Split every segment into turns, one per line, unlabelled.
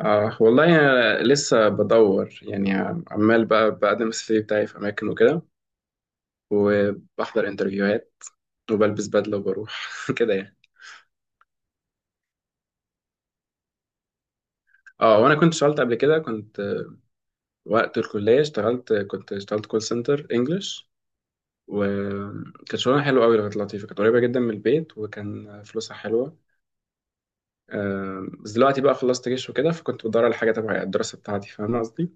آه والله أنا لسه بدور يعني، عمال بقى بقدم السي في بتاعي في أماكن وكده، وبحضر انترفيوهات، وبلبس بدلة وبروح كده يعني. اه، وأنا كنت اشتغلت قبل كده، كنت وقت الكلية اشتغلت. كنت اشتغلت كول سنتر انجلش، وكانت شغلانة حلوة أوي، كانت لطيفة، كانت قريبة جدا من البيت، وكان فلوسها حلوة. بس دلوقتي بقى خلصت جيش وكده، فكنت بدور على حاجة تبع الدراسة بتاعتي، فاهم قصدي؟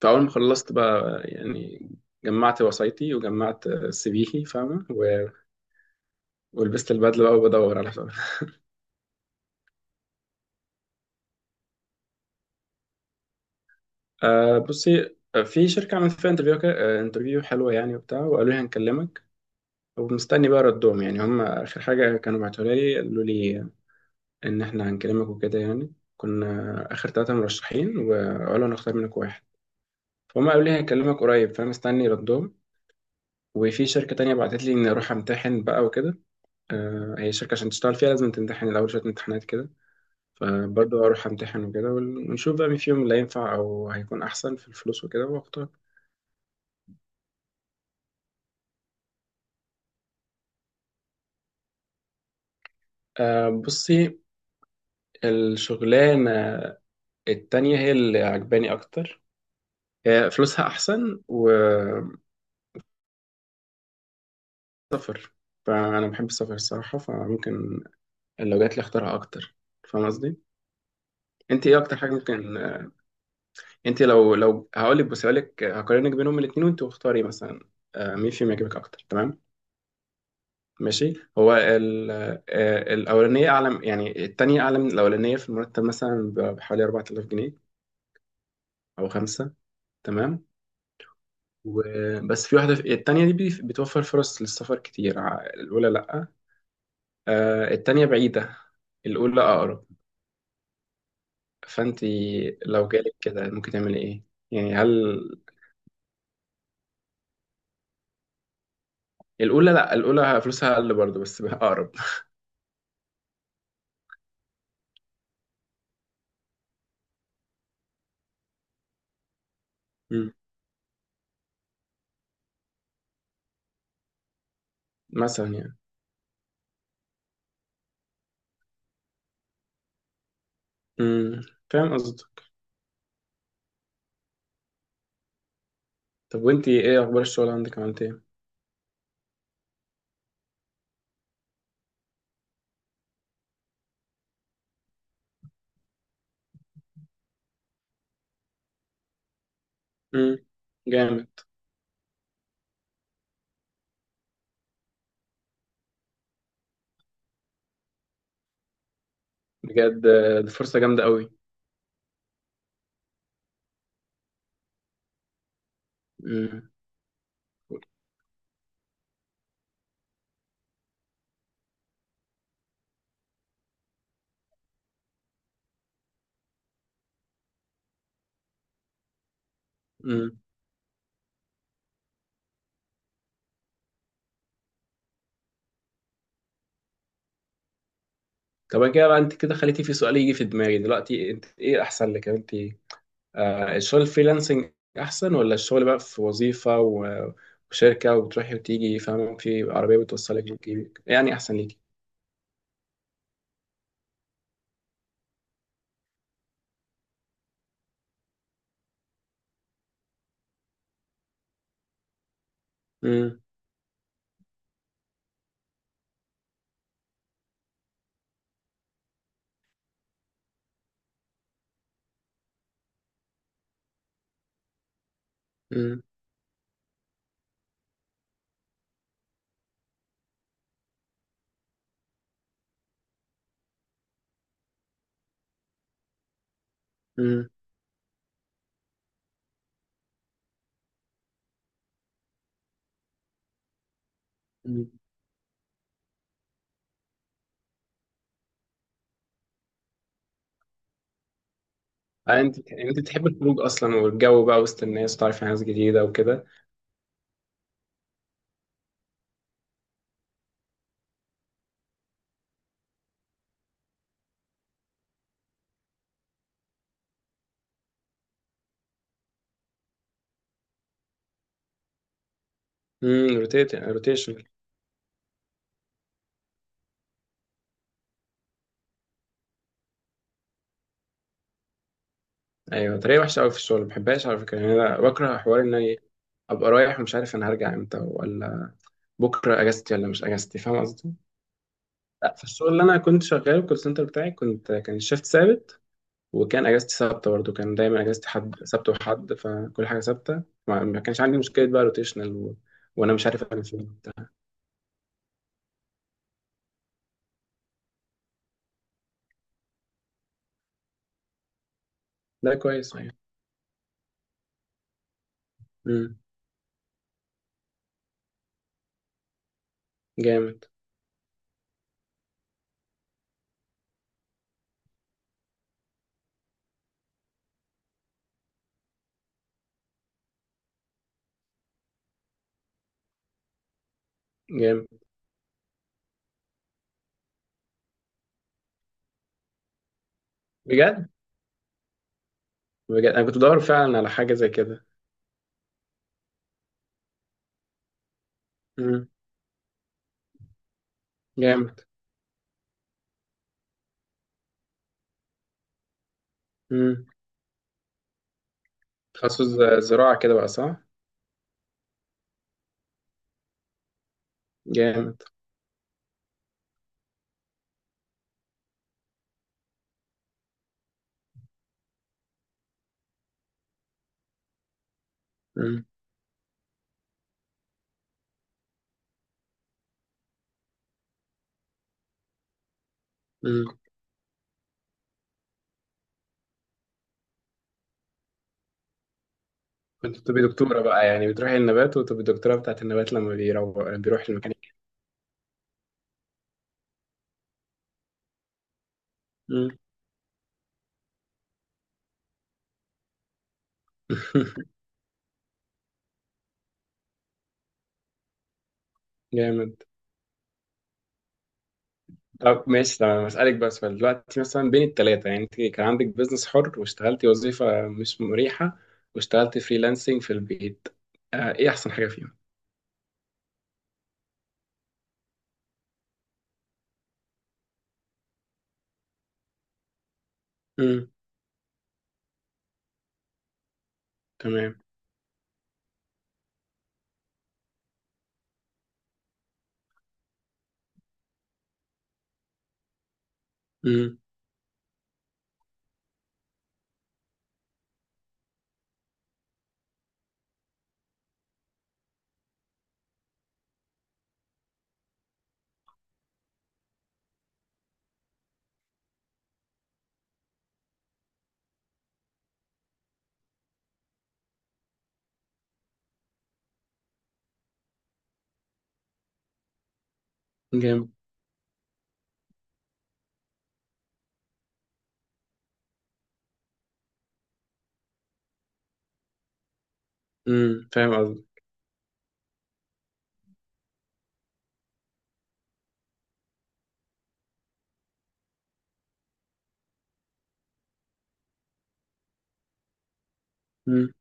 فأول ما خلصت بقى يعني، جمعت وصايتي وجمعت سي فيي، فاهمة، ولبست البدله بقى وبدور على شغل. آه بصي، في شركه عملت فيها انترفيو كده، انترفيو حلوه يعني وبتاع، وقالوا لي هنكلمك، ومستني بقى ردهم. يعني هم اخر حاجه كانوا بعتوها لي قالوا لي ان احنا هنكلمك وكده، يعني كنا اخر ثلاثه مرشحين، وقالوا هنختار منك واحد. فهم قالوا لي هنكلمك قريب، فانا مستني ردهم. وفي شركه تانية بعتت لي اني اروح امتحن بقى وكده، هي شركه عشان تشتغل فيها لازم تمتحن الاول شويه امتحانات كده. فبرضه اروح امتحن وكده، ونشوف بقى مين فيهم اللي هينفع او هيكون احسن في الفلوس وكده واختار. بصي، الشغلانه التانية هي اللي عجباني اكتر، فلوسها احسن وسفر، فانا بحب السفر الصراحه، فممكن لو جات لي اختارها اكتر، فاهم قصدي. انت ايه اكتر حاجه ممكن، انت لو هقول لك هقارنك بينهم الاثنين وانت واختاري مثلا، مين فيهم يعجبك اكتر، تمام؟ ماشي، الأولانية أعلى، يعني التانية أعلى من الأولانية في المرتب مثلا بحوالي 4000 جنيه أو خمسة، تمام. وبس في واحدة، في التانية دي بتوفر فرص للسفر كتير، الأولى لأ، التانية بعيدة، الأولى أقرب. فأنت لو جالك كده ممكن تعملي إيه؟ يعني هل... الأولى لأ، الأولى فلوسها أقل برضه بس بقى أقرب. مم. مثلا يعني. مم. فاهم قصدك. طب وأنت إيه أخبار الشغل عندك، عملت إيه؟ مم. جامد. بجد، دي فرصة جامدة قوي. مم. مم. طب أنا كده بقى، انت كده خليتي في سؤال يجي في دماغي دلوقتي. انت ايه احسن لك؟ يعني انت، الشغل الفريلانسنج احسن، ولا الشغل بقى في وظيفة وشركة، وبتروحي وتيجي فاهمة، في عربية بتوصلك وتجيبك، يعني احسن ليكي؟ مم. مم. مم. مم. آه، انت تحب الخروج اصلا والجو بقى، وسط الناس، وتعرفي ناس جديدة وكده. امم. روتيشن. ايوه، طريقه وحشه قوي في الشغل، ما بحبهاش على فكره. يعني انا بكره حوار ان انا ابقى رايح ومش عارف انا هرجع امتى، ولا بكره اجازتي ولا مش اجازتي، فاهم قصدي؟ لا، في الشغل اللي انا كنت شغاله الكول سنتر بتاعي كان الشيفت ثابت، وكان اجازتي ثابته برضه، كان دايما اجازتي حد سبت وحد، فكل حاجه ثابته، ما كانش عندي مشكله بقى روتيشنال. وانا مش عارف انا فين وبتاع. ده كويس. ايوه. امم. جامد. جامد. بجد. بجد، انا كنت بدور فعلا على حاجه زي كده. امم. جامد. امم. تخصص زراعه كده بقى، صح؟ جامد. مم. مم. كنت بتبقي دكتورة بقى يعني، بتروحي النبات وتبقي دكتورة بتاعت النبات لما بيروح المكان. مم. جامد. طب ماشي تمام، هسألك بس سؤال دلوقتي. مثلا بين التلاتة يعني، انت كان عندك بيزنس حر، واشتغلتي وظيفة مش مريحة، واشتغلتي فريلانسنج في البيت، ايه أحسن حاجة فيهم؟ مم. تمام. مم. جامد. مم. فاهم قصدك. مم.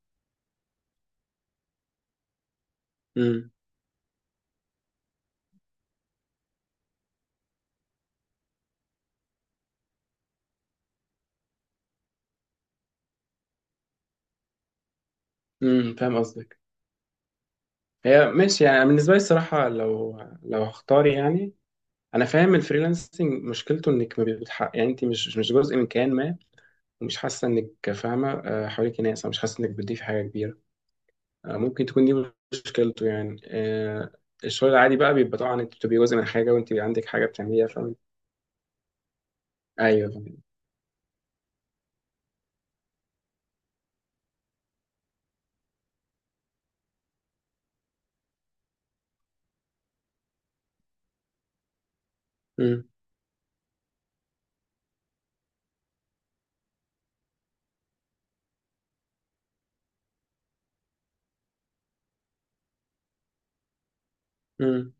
مم. مم. فاهم قصدك. هي ماشي يعني، بالنسبة لي الصراحة لو هختار يعني، انا فاهم الفريلانسنج مشكلته انك ما بتحقق، يعني انت مش جزء من كيان ما، ومش حاسه انك فاهمه، حواليك ناس، او مش حاسه انك بتضيفي حاجه كبيره، ممكن تكون دي مشكلته يعني، الشغل العادي بقى بيبقى طبعا انت بتبقي جزء من حاجه، وانت بيبقى عندك حاجه بتعمليها، فاهم. ايوه فاهم. مم. مم.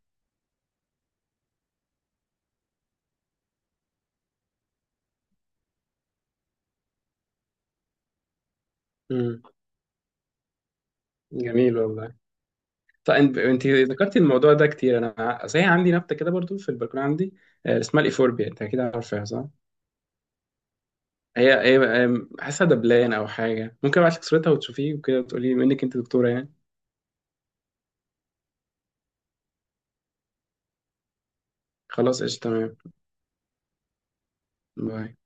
مم. جميل والله. طيب انت ذكرتي الموضوع ده كتير، انا صحيح عندي نبته كده برضو في البلكونه عندي، اسمها الايفوربيا، انت اكيد عارفها صح؟ هي هي. هي حاسه دبلان او حاجه، ممكن ابعت لك صورتها وتشوفيه وكده وتقولي، منك انت دكتوره يعني. خلاص قشطه. تمام. باي.